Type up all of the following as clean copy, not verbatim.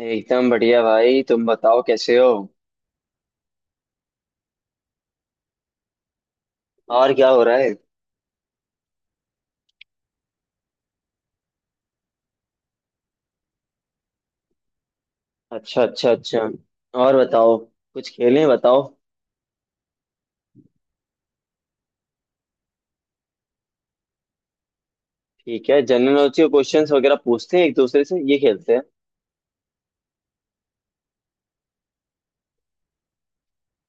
एकदम बढ़िया भाई। तुम बताओ कैसे हो। और क्या हो रहा है। अच्छा अच्छा अच्छा। और बताओ। कुछ खेलें बताओ। ठीक है, जनरल नॉलेज के क्वेश्चंस वगैरह पूछते हैं एक दूसरे से, ये खेलते हैं।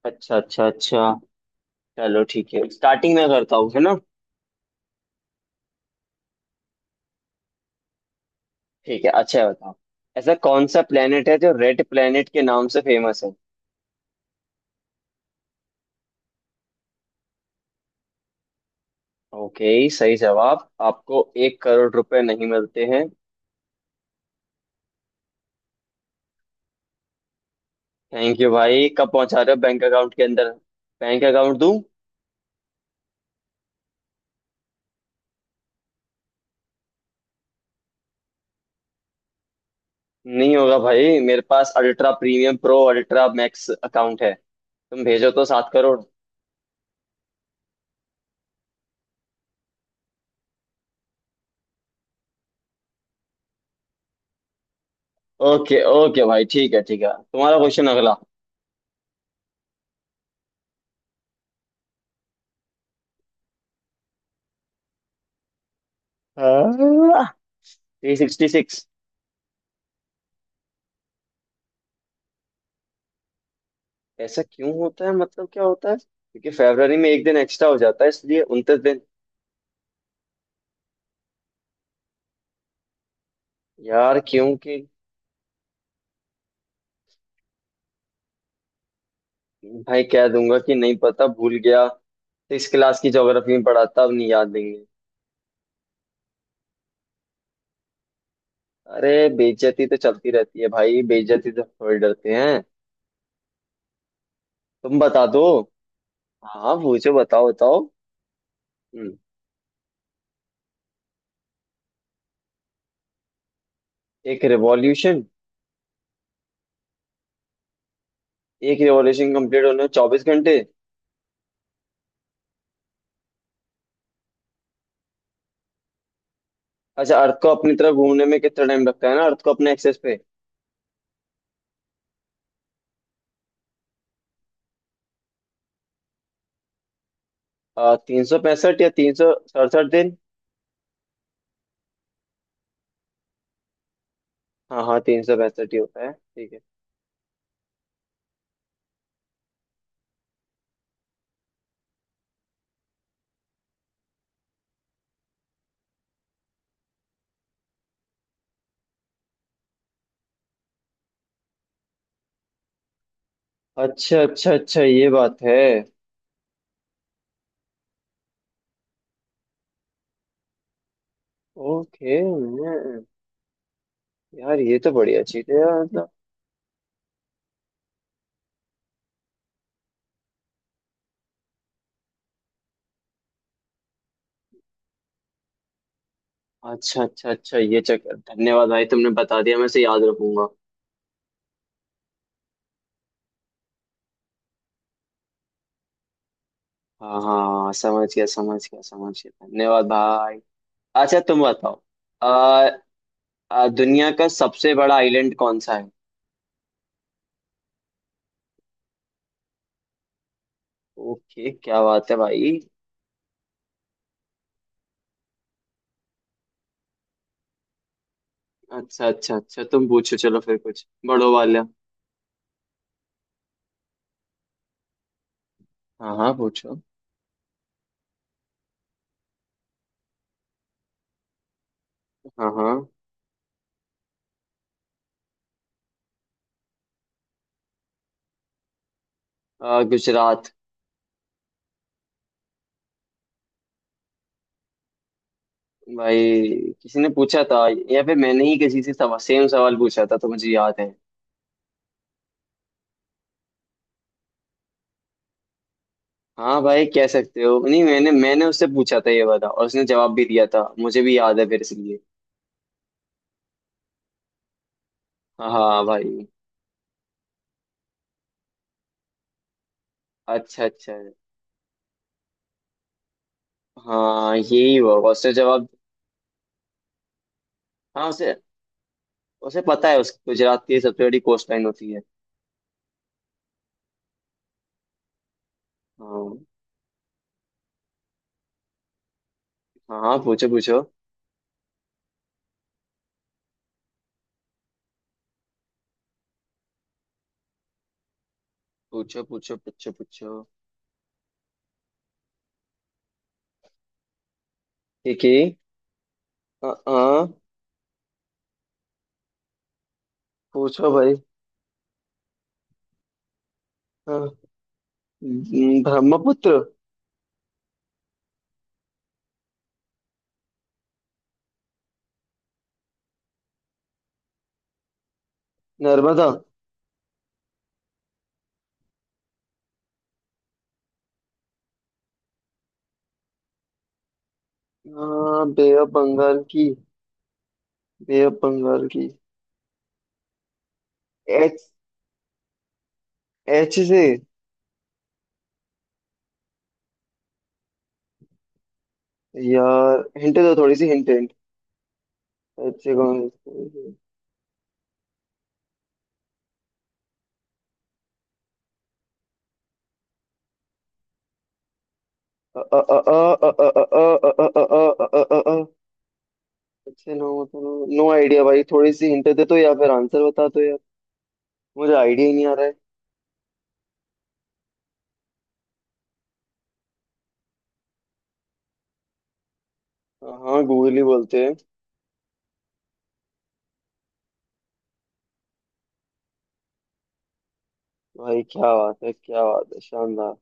अच्छा अच्छा अच्छा। चलो ठीक है, स्टार्टिंग में करता हूँ, है ना। ठीक है, अच्छा है, बताओ। ऐसा कौन सा प्लेनेट है जो रेड प्लेनेट के नाम से फेमस है? ओके, सही जवाब। आपको 1 करोड़ रुपए नहीं मिलते हैं। थैंक यू भाई, कब पहुंचा रहे हो बैंक अकाउंट के अंदर? बैंक अकाउंट दूं? नहीं होगा भाई, मेरे पास ultra premium pro ultra max account है। तुम भेजो तो 7 करोड़। ओके ओके भाई, ठीक है ठीक है, तुम्हारा क्वेश्चन अगला। 366। ऐसा क्यों होता है मतलब, क्या होता है? क्योंकि फरवरी में एक दिन एक्स्ट्रा हो जाता है इसलिए 29 दिन। यार क्योंकि, भाई कह दूंगा कि नहीं पता, भूल गया। 6 क्लास की ज्योग्राफी में पढ़ा था, अब नहीं, याद नहीं है। अरे बेइज्जती तो चलती रहती है भाई, बेइज्जती तो, थोड़ी डरते हैं। तुम बता दो। हाँ पूछो, बताओ बताओ। हम्म। एक रिवॉल्यूशन एक रिवॉल्यूशन कंप्लीट होने में 24 घंटे। अच्छा, अर्थ को अपनी तरफ घूमने में कितना टाइम लगता है ना, अर्थ को अपने एक्सेस पे? 365 या 367 दिन। हाँ हाँ, 365 ही होता है, ठीक है। अच्छा अच्छा अच्छा, ये बात है। ओके। यार ये तो बढ़िया चीज है यार, मतलब। अच्छा अच्छा अच्छा, ये चक्कर। धन्यवाद भाई, तुमने बता दिया, मैं इसे याद रखूंगा। हाँ हाँ, हाँ, समझ गया समझ गया समझ गया, धन्यवाद भाई। अच्छा, तुम बताओ। दुनिया का सबसे बड़ा आइलैंड कौन सा है? ओके क्या बात है भाई। अच्छा अच्छा अच्छा, तुम पूछो, चलो फिर कुछ बड़ो वाला। हाँ हाँ पूछो। हाँ हाँ। गुजरात। भाई, किसी ने पूछा था या फिर मैंने ही किसी से सेम सवाल पूछा था तो मुझे याद है। हाँ भाई, कह सकते हो। नहीं, मैंने मैंने उससे पूछा था ये वाला, और उसने जवाब भी दिया था, मुझे भी याद है फिर, इसलिए। हाँ भाई। अच्छा अच्छा। हाँ यही हुआ, उसने जवाब। हाँ, उसे उसे पता है, उस गुजरात की सबसे बड़ी कोस्ट लाइन होती है। हाँ हाँ, हाँ, पूछो पूछो पूछो पूछो। पूछो पूछो। ठीक है। अ, अ, पूछो भाई। हाँ। ब्रह्मपुत्र। नर्मदा। हाँ, बे ऑफ बंगाल की। बे ऑफ बंगाल की। एच। एच से। यार हिंट दो, थोड़ी सी हिंट हिंट। एच से कौन? अ अ अ अ अ अ अ अ अ अ अ अ अच्छे, नो। नो आइडिया भाई, थोड़ी सी हिंट दे तो, या फिर आंसर बता दो। मुझे आइडिया ही नहीं आ रहा है। हाँ, गूगल ही बोलते हैं। भाई क्या बात है, क्या बात है, शानदार।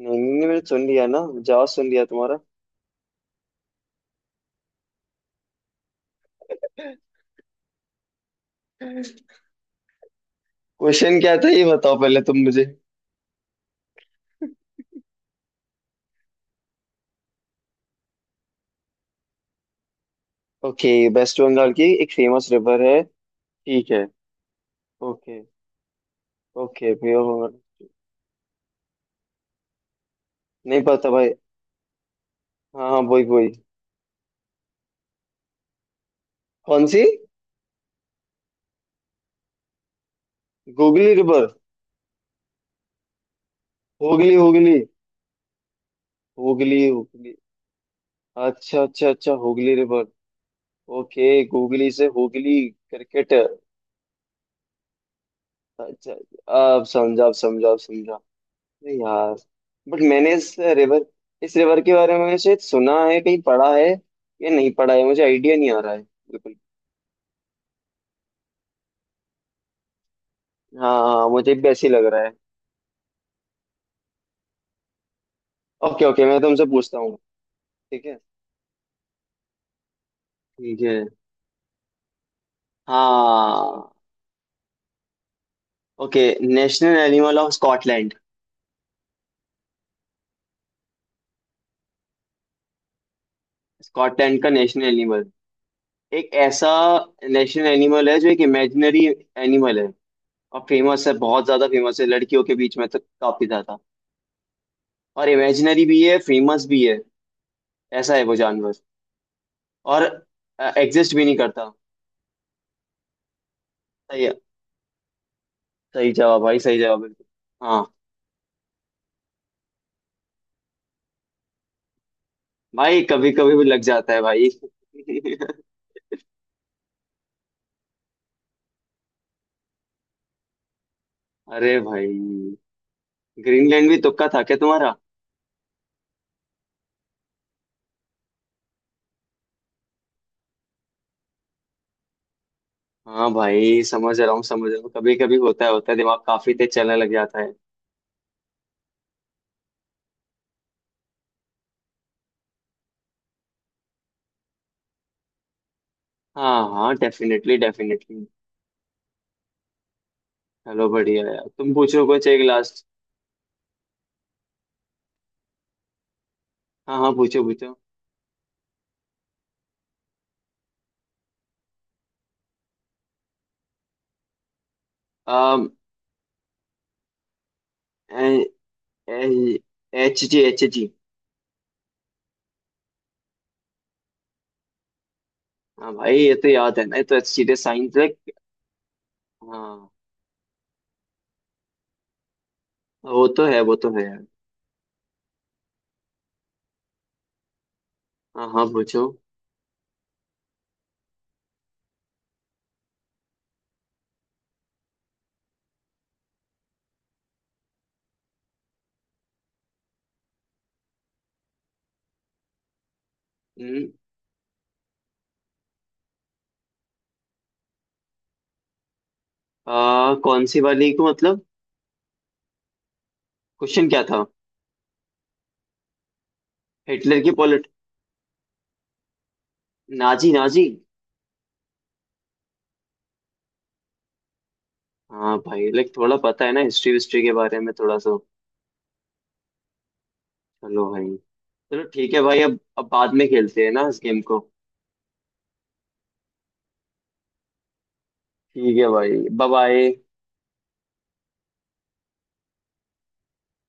नहीं नहीं नहीं, मैंने सुन लिया ना, जवाब सुन लिया तुम्हारा। क्वेश्चन क्या था ये बताओ पहले तुम मुझे। ओके। वेस्ट बंगाल की एक फेमस रिवर है। ठीक है। Okay okay pure. नहीं पता भाई। हाँ हाँ वही वही। कौन सी? गोगली रिवर। होगली होगली। होगली होगली। अच्छा अच्छा अच्छा, होगली रिवर। ओके, गोगली से होगली क्रिकेट। अच्छा। अब समझा अब समझा अब समझा। अरे यार। बट मैंने इस रिवर के बारे में शायद सुना है, कहीं पढ़ा है या नहीं पढ़ा है, मुझे आइडिया नहीं आ रहा है बिल्कुल। हाँ हाँ हाँ, मुझे भी ऐसे ही लग रहा है। ओके ओके, मैं तुमसे पूछता हूँ। ठीक है। ठीक है। हाँ। Okay. National animal of Scotland. Scotland का नेशनल एनिमल। एक ऐसा नेशनल एनिमल है जो एक इमेजिनरी एनिमल है, और फेमस है, बहुत ज्यादा फेमस है लड़कियों के बीच में तो काफी ज्यादा, और इमेजिनरी भी है फेमस भी है, ऐसा है वो जानवर, और एग्जिस्ट भी नहीं करता। सही है। सही जवाब भाई, सही जवाब बिल्कुल। हाँ भाई, कभी कभी भी लग जाता है भाई। अरे भाई, ग्रीनलैंड भी तुक्का था क्या तुम्हारा? हाँ भाई, समझ रहा हूँ समझ रहा हूँ, कभी कभी होता है, होता है, दिमाग काफी तेज चलने लग जाता है। हाँ हाँ, डेफिनेटली डेफिनेटली। चलो बढ़िया यार, तुम पूछो कुछ एक लास्ट। हाँ हाँ पूछो पूछो। अम ए, ए, Hg Hg। हाँ भाई, ये तो याद है ना, ये तो सीरियस साइंस लाइक। हाँ, वो तो है, वो तो है यार। हाँ हाँ पूछो। हम्म, कौन सी वाली को, मतलब? क्वेश्चन क्या था? हिटलर की पॉलिट नाजी नाजी। हाँ भाई, लाइक थोड़ा पता है ना हिस्ट्री, हिस्ट्री के बारे में थोड़ा सा। चलो भाई। चलो ठीक है भाई, अब बाद में खेलते हैं ना इस गेम को। ठीक है भाई। Bye bye.